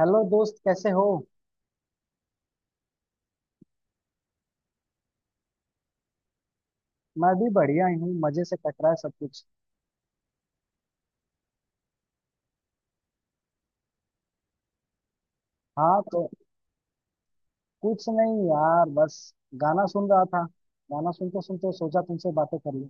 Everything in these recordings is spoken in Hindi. हेलो दोस्त, कैसे हो। मैं भी बढ़िया ही हूँ, मजे से कट रहा है सब कुछ। हाँ, तो कुछ नहीं यार, बस गाना सुन रहा था। गाना सुनते सुनते सोचा तुमसे बातें कर लूँ।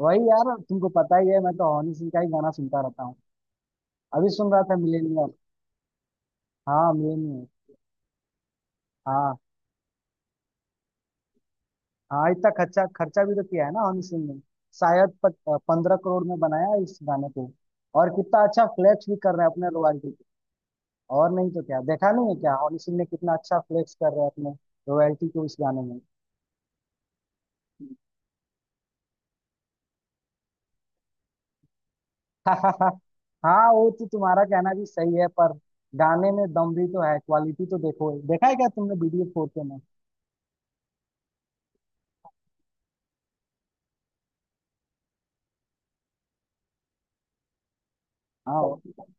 वही यार, तुमको पता ही है, मैं तो हनी सिंह का ही गाना सुनता रहता हूँ। अभी सुन रहा था मिलेनियर। हाँ, मिलेनियर। हाँ, हाँ इतना खर्चा खर्चा भी तो किया है ना हनी सिंह ने। शायद 15 करोड़ में बनाया इस गाने को। और कितना अच्छा फ्लेक्स भी कर रहे हैं अपने रॉयल्टी को। और नहीं तो क्या, देखा नहीं है क्या हनी सिंह ने कितना अच्छा फ्लेक्स कर रहे हैं अपने रॉयल्टी को इस गाने में। हाँ, वो तो तुम्हारा कहना भी सही है, पर गाने में दम भी तो है। क्वालिटी तो देखो, देखा है क्या तुमने वीडियो फोर के में। हाँ।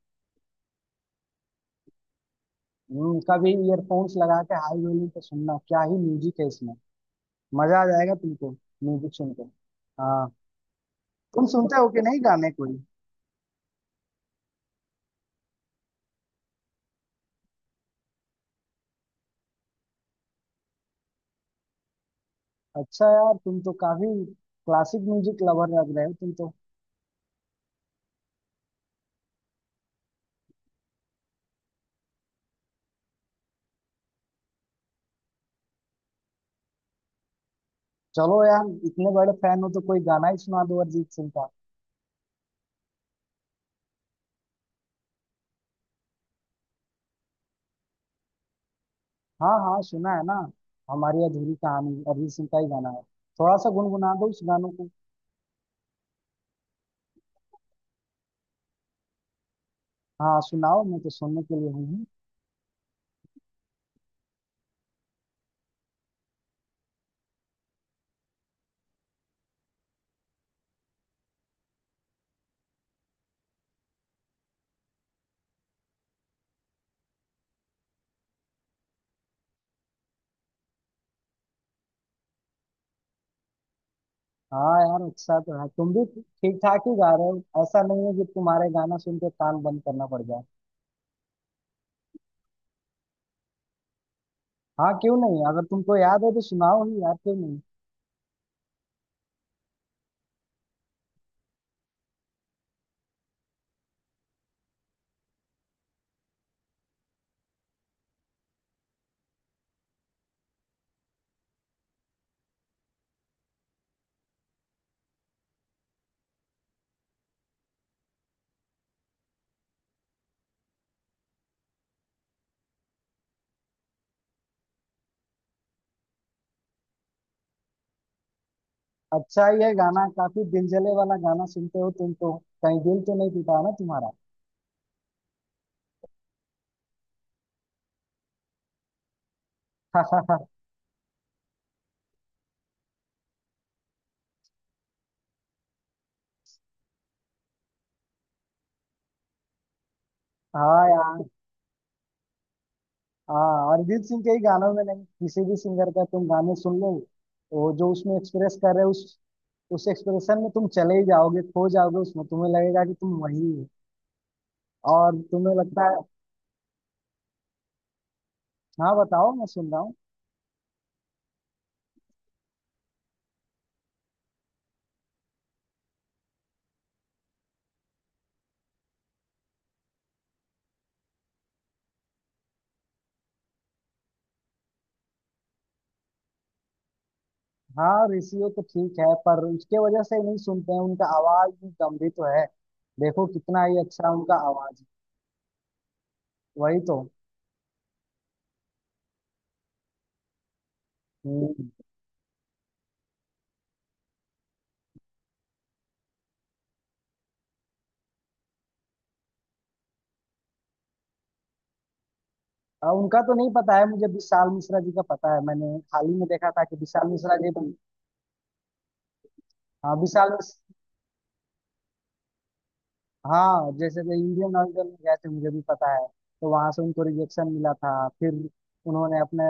कभी ईयरफोन्स लगा के हाई वॉल्यूम पे सुनना, क्या ही म्यूजिक है इसमें। मजा आ जाएगा तुमको म्यूजिक सुन के। हाँ। तुम सुनते हो कि नहीं गाने कोई। अच्छा यार, तुम तो काफी क्लासिक म्यूजिक लवर लग रहे हो तुम तो। चलो यार, इतने बड़े फैन हो तो कोई गाना ही सुना दो अरिजीत सिंह का। हाँ हाँ, सुना है ना। हमारी अधूरी कहानी अरिजीत सिंह का ही गाना है। थोड़ा सा गुनगुना दो उस गानों को। हाँ सुनाओ, मैं तो सुनने के लिए हूँ ही। हाँ यार, अच्छा तो है, तुम भी ठीक ठाक ही गा रहे हो, ऐसा नहीं है कि तुम्हारे गाना सुन के कान बंद करना पड़ जाए। हाँ क्यों नहीं, अगर तुमको याद है तो सुनाओ ही यार, क्यों नहीं। अच्छा ही है गाना, काफी दिलजले वाला गाना सुनते हो तुम तो। कहीं दिल तो नहीं टूटा ना तुम्हारा। हाँ यार। हाँ, अरिजीत सिंह के ही गानों में नहीं, किसी भी सिंगर का तुम गाने सुन लो, वो जो उसमें एक्सप्रेस कर रहे हो उस एक्सप्रेशन में तुम चले ही जाओगे, खो जाओगे उसमें, तुम्हें लगेगा कि तुम वही हो और तुम्हें लगता है। हाँ बताओ, मैं सुन रहा हूँ। हाँ ऋषि हो तो ठीक है, पर उसके वजह से ही नहीं सुनते हैं, उनका आवाज भी गंभीर तो है। देखो कितना ही अच्छा उनका आवाज है। वही तो। हम्म। अब उनका तो नहीं पता है मुझे, विशाल मिश्रा जी का पता है। मैंने हाल ही में देखा था कि विशाल मिश्रा जी भी-। हाँ, विशाल मिश्रा। हाँ जैसे कि इंडियन ऑयल में गए थे, मुझे भी पता है। तो वहां से उनको रिजेक्शन मिला था। फिर उन्होंने अपने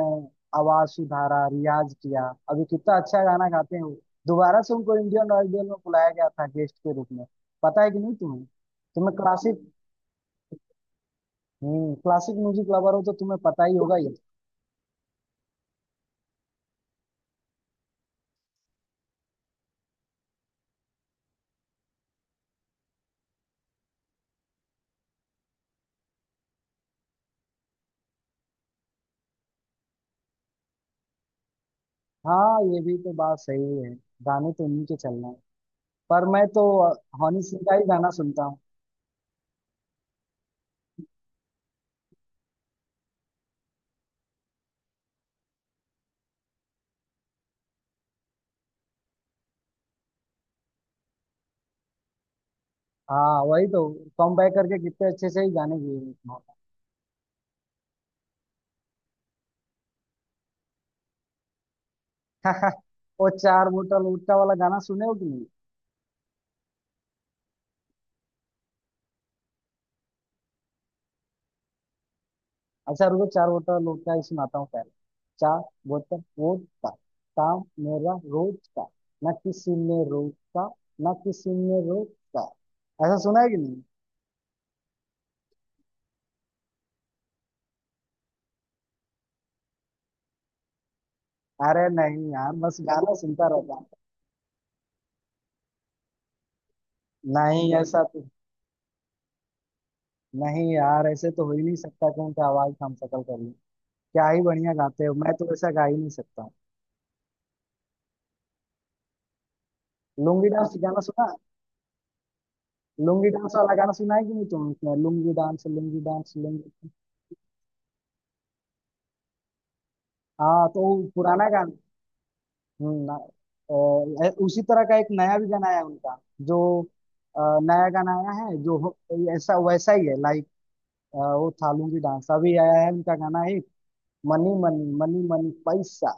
आवाज सुधारा, रियाज किया। अभी कितना अच्छा गाना गाते हैं वो। दोबारा से उनको इंडियन ऑयल में बुलाया गया था गेस्ट के रूप में। पता है कि नहीं तुम्हें। तुम्हें क्लासिक। क्लासिक म्यूजिक लवर हो तो तुम्हें पता ही होगा ये। हाँ ये भी तो बात सही है। गाने तो उन्हीं के चलना है। पर मैं तो हनी सिंह का ही गाना सुनता हूँ। हाँ वही तो। कम बैक करके कितने अच्छे से ही गाने गए हैं। वो चार बोतल वोडका वाला गाना सुने हो कि नहीं। अच्छा रुको, चार बोतल वोडका ही सुनाता हूँ पहले। चार बोतल वोडका, काम मेरा रोज का, न किसी ने रोका, न किसी ने रोका। ऐसा सुना है कि नहीं। अरे नहीं यार, बस गाना सुनता रहता हूँ। नहीं ऐसा तो। नहीं यार, ऐसे तो हो ही नहीं सकता कि उनका आवाज हम शकल कर लूं। क्या ही बढ़िया गाते हो, मैं तो ऐसा गा ही नहीं सकता हूँ। लुंगी डांस गाना सुना। लुंगी डांस वाला गाना सुना है कि नहीं तुमने, लुंगी डांस लुंगी डांस लुंगी। हाँ तो वो पुराना गाना। हम्म, ना- उसी तरह का एक नया भी गाना आया उनका जो नया गाना आया है ऐसा वैसा ही है लाइक। वो थालूं की डांस अभी आया है उनका गाना ही। मनी मनी मनी मनी पैसा,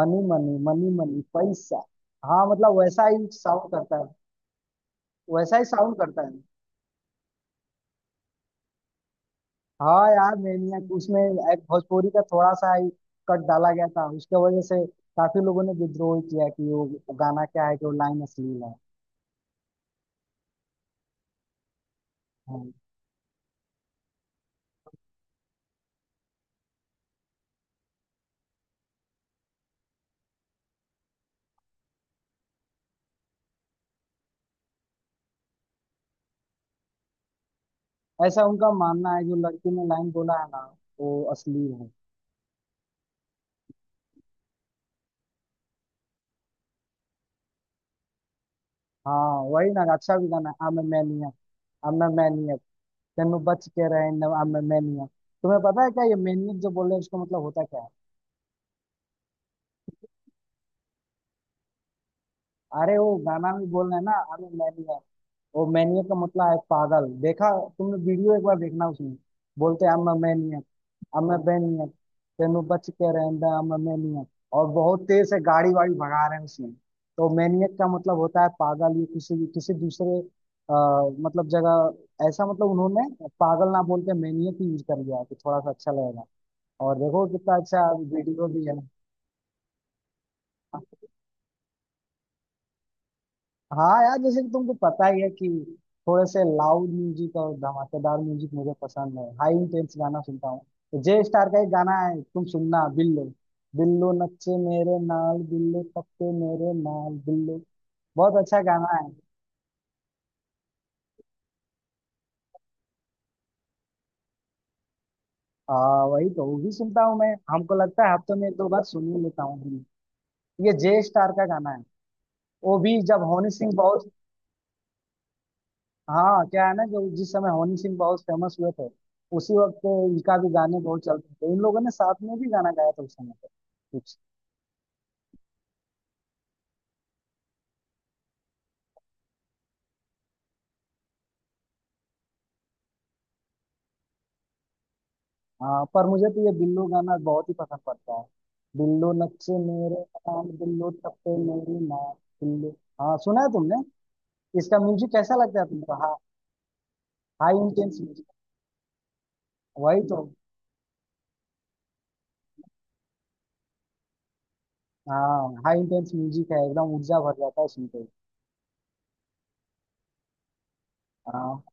मनी मनी मनी मनी पैसा। हाँ मतलब वैसा ही साउंड करता है। वैसा ही साउंड करता है। हाँ यार मैंने उसमें एक भोजपुरी का थोड़ा सा ही कट डाला गया था, उसके वजह से काफी लोगों ने विद्रोह किया कि वो गाना क्या है कि वो लाइन अश्लील है। हाँ। ऐसा उनका मानना है, जो लड़की ने लाइन बोला है ना, वो असली है। हाँ वही ना, अच्छा भी गाना है। I'm a maniac, I'm a maniac, तेनू बच के रहे न, I'm a maniac। तुम्हें पता है क्या ये मैनियक जो बोल रहे हैं इसका मतलब होता क्या है। अरे वो गाना में बोल रहे हैं ना I'm a maniac, वो मैनियक का मतलब है पागल। देखा तुमने वीडियो, एक बार देखना उसमें बोलते हैं I'm a maniac, अमेबेनियन, तेनू बच के रहंदा अमेबेनियन। और बहुत तेज से गाड़ी वाड़ी भगा रहे हैं उसमें। तो मैनियक का मतलब होता है पागल, ये किसी किसी दूसरे मतलब जगह ऐसा, मतलब उन्होंने पागल ना बोल के मैनियक यूज कर लिया है, तो थोड़ा सा अच्छा लगेगा। और देखो कितना अच्छा वीडियो भी है। हाँ यार जैसे कि तुमको पता ही है कि थोड़े से लाउड म्यूजिक और धमाकेदार म्यूजिक मुझे पसंद है, हाई इंटेंस गाना सुनता हूँ। तो जे स्टार का एक गाना है, तुम सुनना, बिल्लो। बिल्लो नच्चे मेरे नाल, बिल्लो पक्के मेरे नाल, बिल्लो। बहुत अच्छा गाना है। वही तो, वो भी सुनता हूँ मैं। हमको लगता है हफ्ते में एक दो बार सुन ही लेता हूँ भी। ये जे स्टार का गाना है। वो भी जब हनी सिंह बहुत। हाँ क्या है ना, जो जिस समय हनी सिंह बहुत फेमस हुए थे, उसी वक्त इनका भी गाने बहुत चलते थे। इन लोगों ने साथ में भी गाना गाया था उस समय पे कुछ। हाँ पर मुझे तो ये बिल्लो गाना बहुत ही पसंद पड़ता है। बिल्लो नक्शे मेरे नाम, बिल्लो टप्पे मेरी नाम, बिल्लो। हाँ सुना है तुमने, इसका म्यूजिक कैसा लगता है तुमको। हाँ हाई इंटेंस म्यूजिक। वही तो। हाँ हाई इंटेंस म्यूजिक है, एकदम ऊर्जा भर जाता है सुनते ही। हाँ।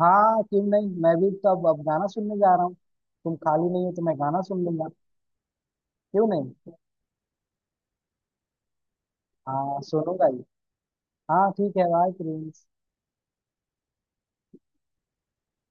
हाँ क्यों नहीं, मैं भी तो अब गाना सुनने जा रहा हूँ। तुम खाली नहीं हो तो मैं गाना सुन लूंगा। क्यों नहीं। हाँ सुनो भाई। हाँ ठीक है, बाय प्रिंस।